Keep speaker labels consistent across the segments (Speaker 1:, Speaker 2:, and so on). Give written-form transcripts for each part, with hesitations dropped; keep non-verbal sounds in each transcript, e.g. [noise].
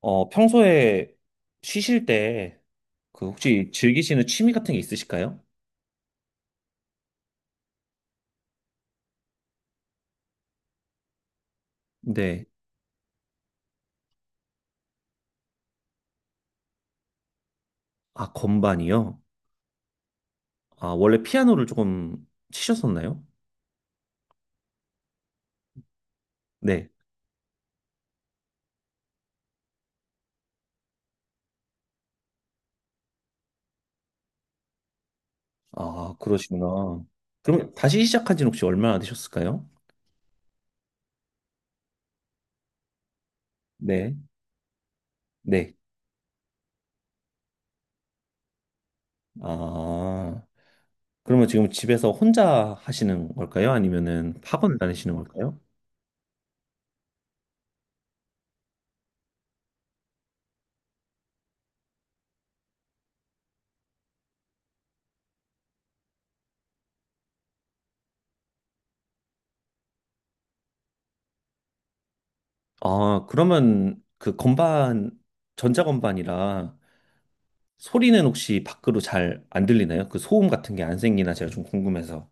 Speaker 1: 어, 평소에 쉬실 때 그 혹시 즐기시는 취미 같은 게 있으실까요? 네. 아, 건반이요? 아, 원래 피아노를 조금 치셨었나요? 네. 아, 그러시구나. 그럼 다시 시작한 지는 혹시 얼마나 되셨을까요? 네. 네. 아, 그러면 지금 집에서 혼자 하시는 걸까요? 아니면은 학원을 다니시는 걸까요? 아, 그러면 그 건반, 전자건반이라 소리는 혹시 밖으로 잘 안 들리나요? 그 소음 같은 게 안 생기나 제가 좀 궁금해서.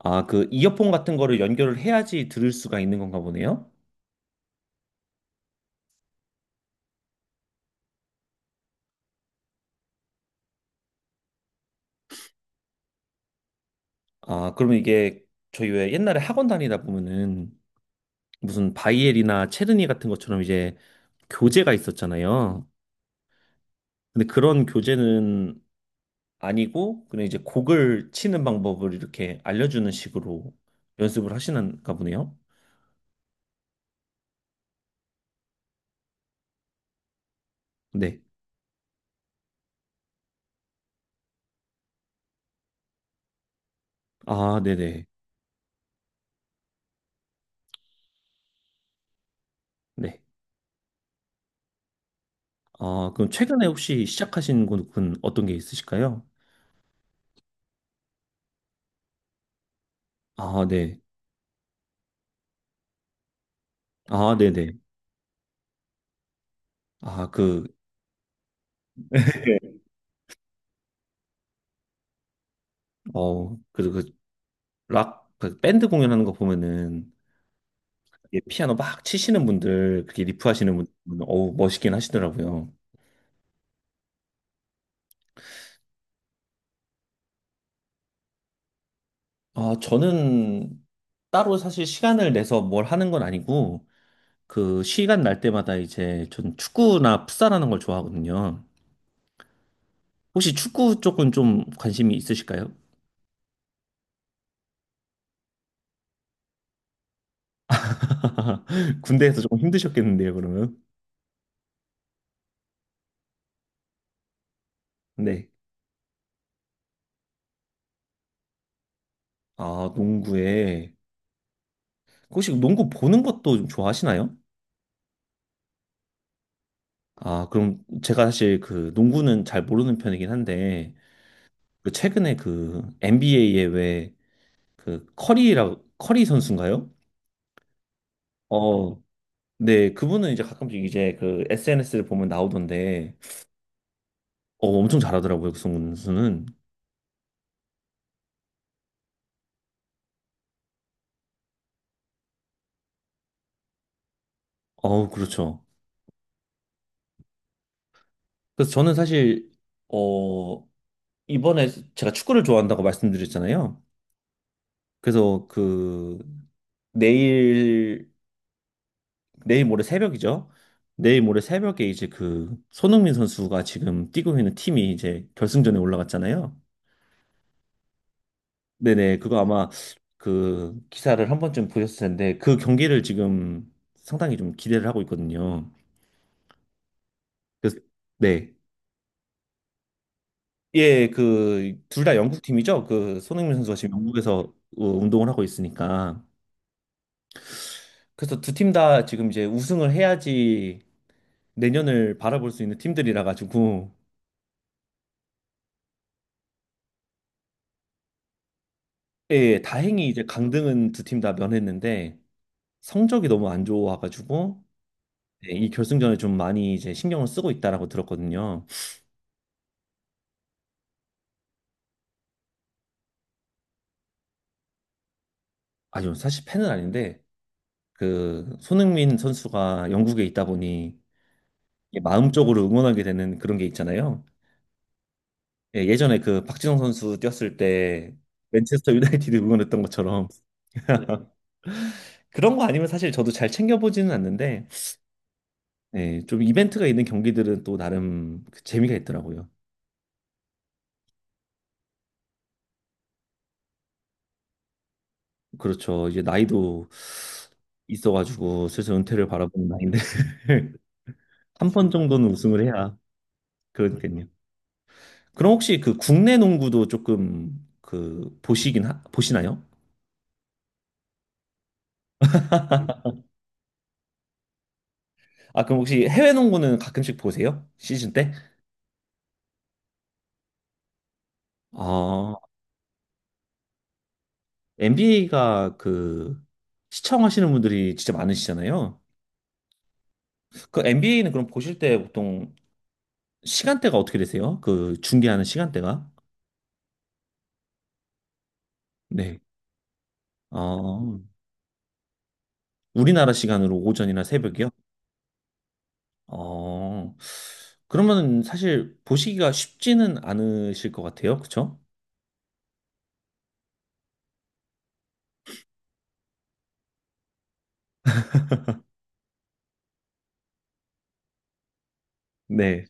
Speaker 1: 아, 그 이어폰 같은 거를 연결을 해야지 들을 수가 있는 건가 보네요. 아, 그러면 이게 저희 왜 옛날에 학원 다니다 보면은 무슨 바이엘이나 체르니 같은 것처럼 이제 교재가 있었잖아요. 근데 그런 교재는 아니고 그냥 이제 곡을 치는 방법을 이렇게 알려주는 식으로 연습을 하시는가 보네요. 네. 아, 네네. 네. 아, 그럼 최근에 혹시 시작하신 곳은 어떤 게 있으실까요? 아, 네. 아, 네네. 아, 그, 네. 어, 그 락, 그 밴드 공연하는 거 보면은 이게 피아노 막 치시는 분들, 그렇게 리프 하시는 분들, 보면 어우, 멋있긴 하시더라고요. 아, 저는 따로 사실 시간을 내서 뭘 하는 건 아니고, 그, 시간 날 때마다 이제 전 축구나 풋살하는 걸 좋아하거든요. 혹시 축구 쪽은 좀 관심이 있으실까요? [laughs] 군대에서 조금 힘드셨겠는데요, 그러면? 네. 아, 농구에. 그 혹시 농구 보는 것도 좀 좋아하시나요? 아, 그럼 제가 사실 그 농구는 잘 모르는 편이긴 한데, 그 최근에 그 NBA에 왜 그 커리 선수인가요? 어, 네, 그분은 이제 가끔씩 이제 그 SNS를 보면 나오던데, 어, 엄청 잘하더라고요, 그 선수는. 어, 그렇죠. 그래서 저는 사실, 어, 이번에 제가 축구를 좋아한다고 말씀드렸잖아요. 그래서 그 내일 내일 모레 새벽이죠. 내일 모레 새벽에 이제 그 손흥민 선수가 지금 뛰고 있는 팀이 이제 결승전에 올라갔잖아요. 네네, 그거 아마 그 기사를 한 번쯤 보셨을 텐데 그 경기를 지금 상당히 좀 기대를 하고 있거든요. 그래서 네. 예, 그 둘 다 영국 팀이죠. 그 손흥민 선수가 지금 영국에서 어, 운동을 하고 있으니까. 그래서 두 팀 다 지금 이제 우승을 해야지 내년을 바라볼 수 있는 팀들이라 가지고 예, 예. 다행히 이제 강등은 두 팀 다 면했는데 성적이 너무 안 좋아가지고 예, 이 결승전에 좀 많이 이제 신경을 쓰고 있다라고 들었거든요. 아니요, 사실 팬은 아닌데 그 손흥민 선수가 영국에 있다 보니 이게 마음적으로 응원하게 되는 그런 게 있잖아요. 예, 예전에 그 박지성 선수 뛰었을 때 맨체스터 유나이티드 응원했던 것처럼 [laughs] 그런 거 아니면 사실 저도 잘 챙겨보지는 않는데 예, 좀 이벤트가 있는 경기들은 또 나름 그 재미가 있더라고요. 그렇죠. 이제 나이도 있어가지고 슬슬 은퇴를 바라보는 나이인데 [laughs] 한 번 정도는 우승을 해야 그러니까요. 그럼 혹시 그 국내 농구도 조금 그 보시나요? 아, 그럼 혹시 해외 농구는 가끔씩 보세요? 시즌 때? 아, NBA가 그 시청하시는 분들이 진짜 많으시잖아요. 그 NBA는 그럼 보실 때 보통 시간대가 어떻게 되세요? 그 중계하는 시간대가? 네. 아, 우리나라 시간으로 오전이나 새벽이요? 어, 그러면 사실 보시기가 쉽지는 않으실 것 같아요. 그쵸? 네.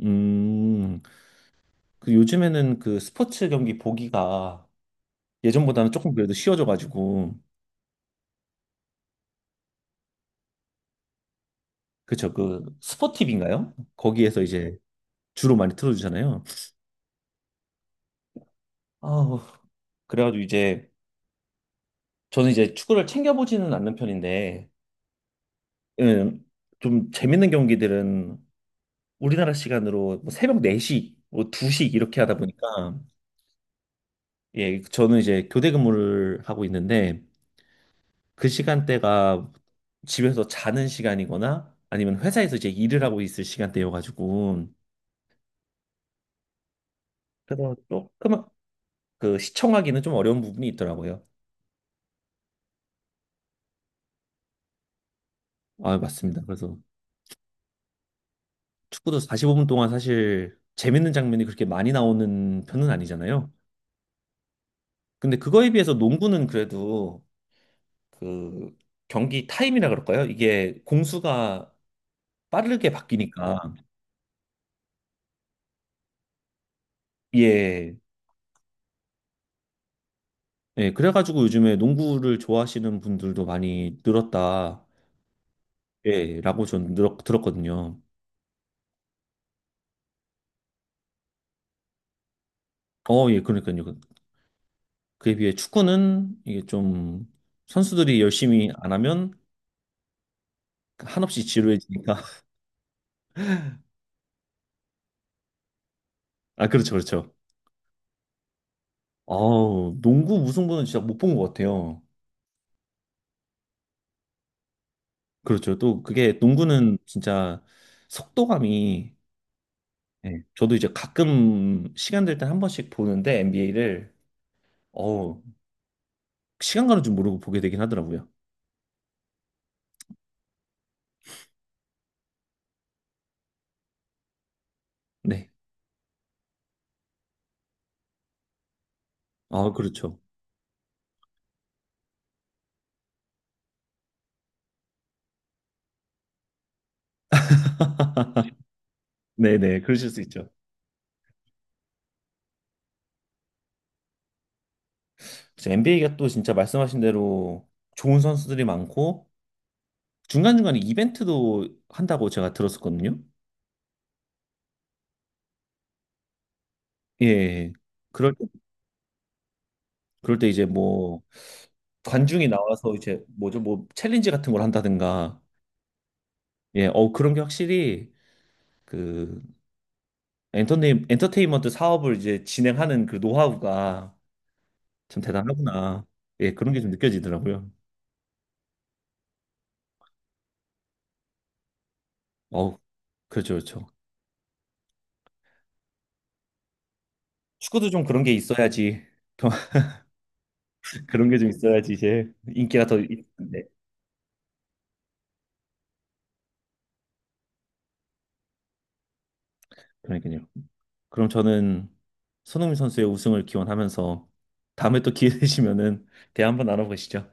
Speaker 1: 음, 그 요즘에는 그 스포츠 경기 보기가 예전보다는 조금 그래도 쉬워져가지고, 그쵸, 그 스포티비인가요? 거기에서 이제 주로 많이 틀어주잖아요. 아우, 그래가지고 이제, 저는 이제 축구를 챙겨보지는 않는 편인데, 음, 좀 재밌는 경기들은 우리나라 시간으로 뭐 새벽 4시, 뭐 2시 이렇게 하다 보니까, 예, 저는 이제 교대 근무를 하고 있는데 그 시간대가 집에서 자는 시간이거나 아니면 회사에서 이제 일을 하고 있을 시간대여가지고 그래서 조금 그 시청하기는 좀 어려운 부분이 있더라고요. 아, 맞습니다. 그래서 축구도 45분 동안 사실 재밌는 장면이 그렇게 많이 나오는 편은 아니잖아요. 근데 그거에 비해서 농구는 그래도 그 경기 타임이라 그럴까요? 이게 공수가 빠르게 바뀌니까 예. 예, 그래가지고 요즘에 농구를 좋아하시는 분들도 많이 늘었다, 예, 라고 전 들었거든요. 어, 예, 그러니까요. 그에 비해 축구는 이게 좀 선수들이 열심히 안 하면 한없이 지루해지니까. [laughs] 아, 그렇죠, 그렇죠. 어우, 농구 무승부는 진짜 못 본 것 같아요. 그렇죠. 또 그게 농구는 진짜 속도감이, 예, 저도 이제 가끔 시간 될 때 한 번씩 보는데 NBA를, 어우, 시간 가는 줄 모르고 보게 되긴 하더라고요. 네. 아, 그렇죠. 네네, 그러실 수 있죠. 그래서 NBA가 또 진짜 말씀하신 대로 좋은 선수들이 많고 중간중간에 이벤트도 한다고 제가 들었었거든요. 예. 예, 예. 그럴 때, 그럴 때 이제 뭐 관중이 나와서 이제 뭐죠, 뭐 챌린지 같은 걸 한다든가, 예, 어 그런 게 확실히 그 엔터테인먼트 사업을 이제 진행하는 그 노하우가 참 대단하구나. 예, 그런 게 좀 느껴지더라고요. 어 그렇죠, 그렇죠. 축구도 좀 그런 게 있어야지. 그런 게 좀 있어야지 이제 인기가 더 있는데. 그러니까요. 그럼 저는 손흥민 선수의 우승을 기원하면서 다음에 또 기회 되시면은 대화 한번 나눠보시죠.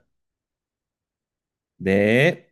Speaker 1: 네.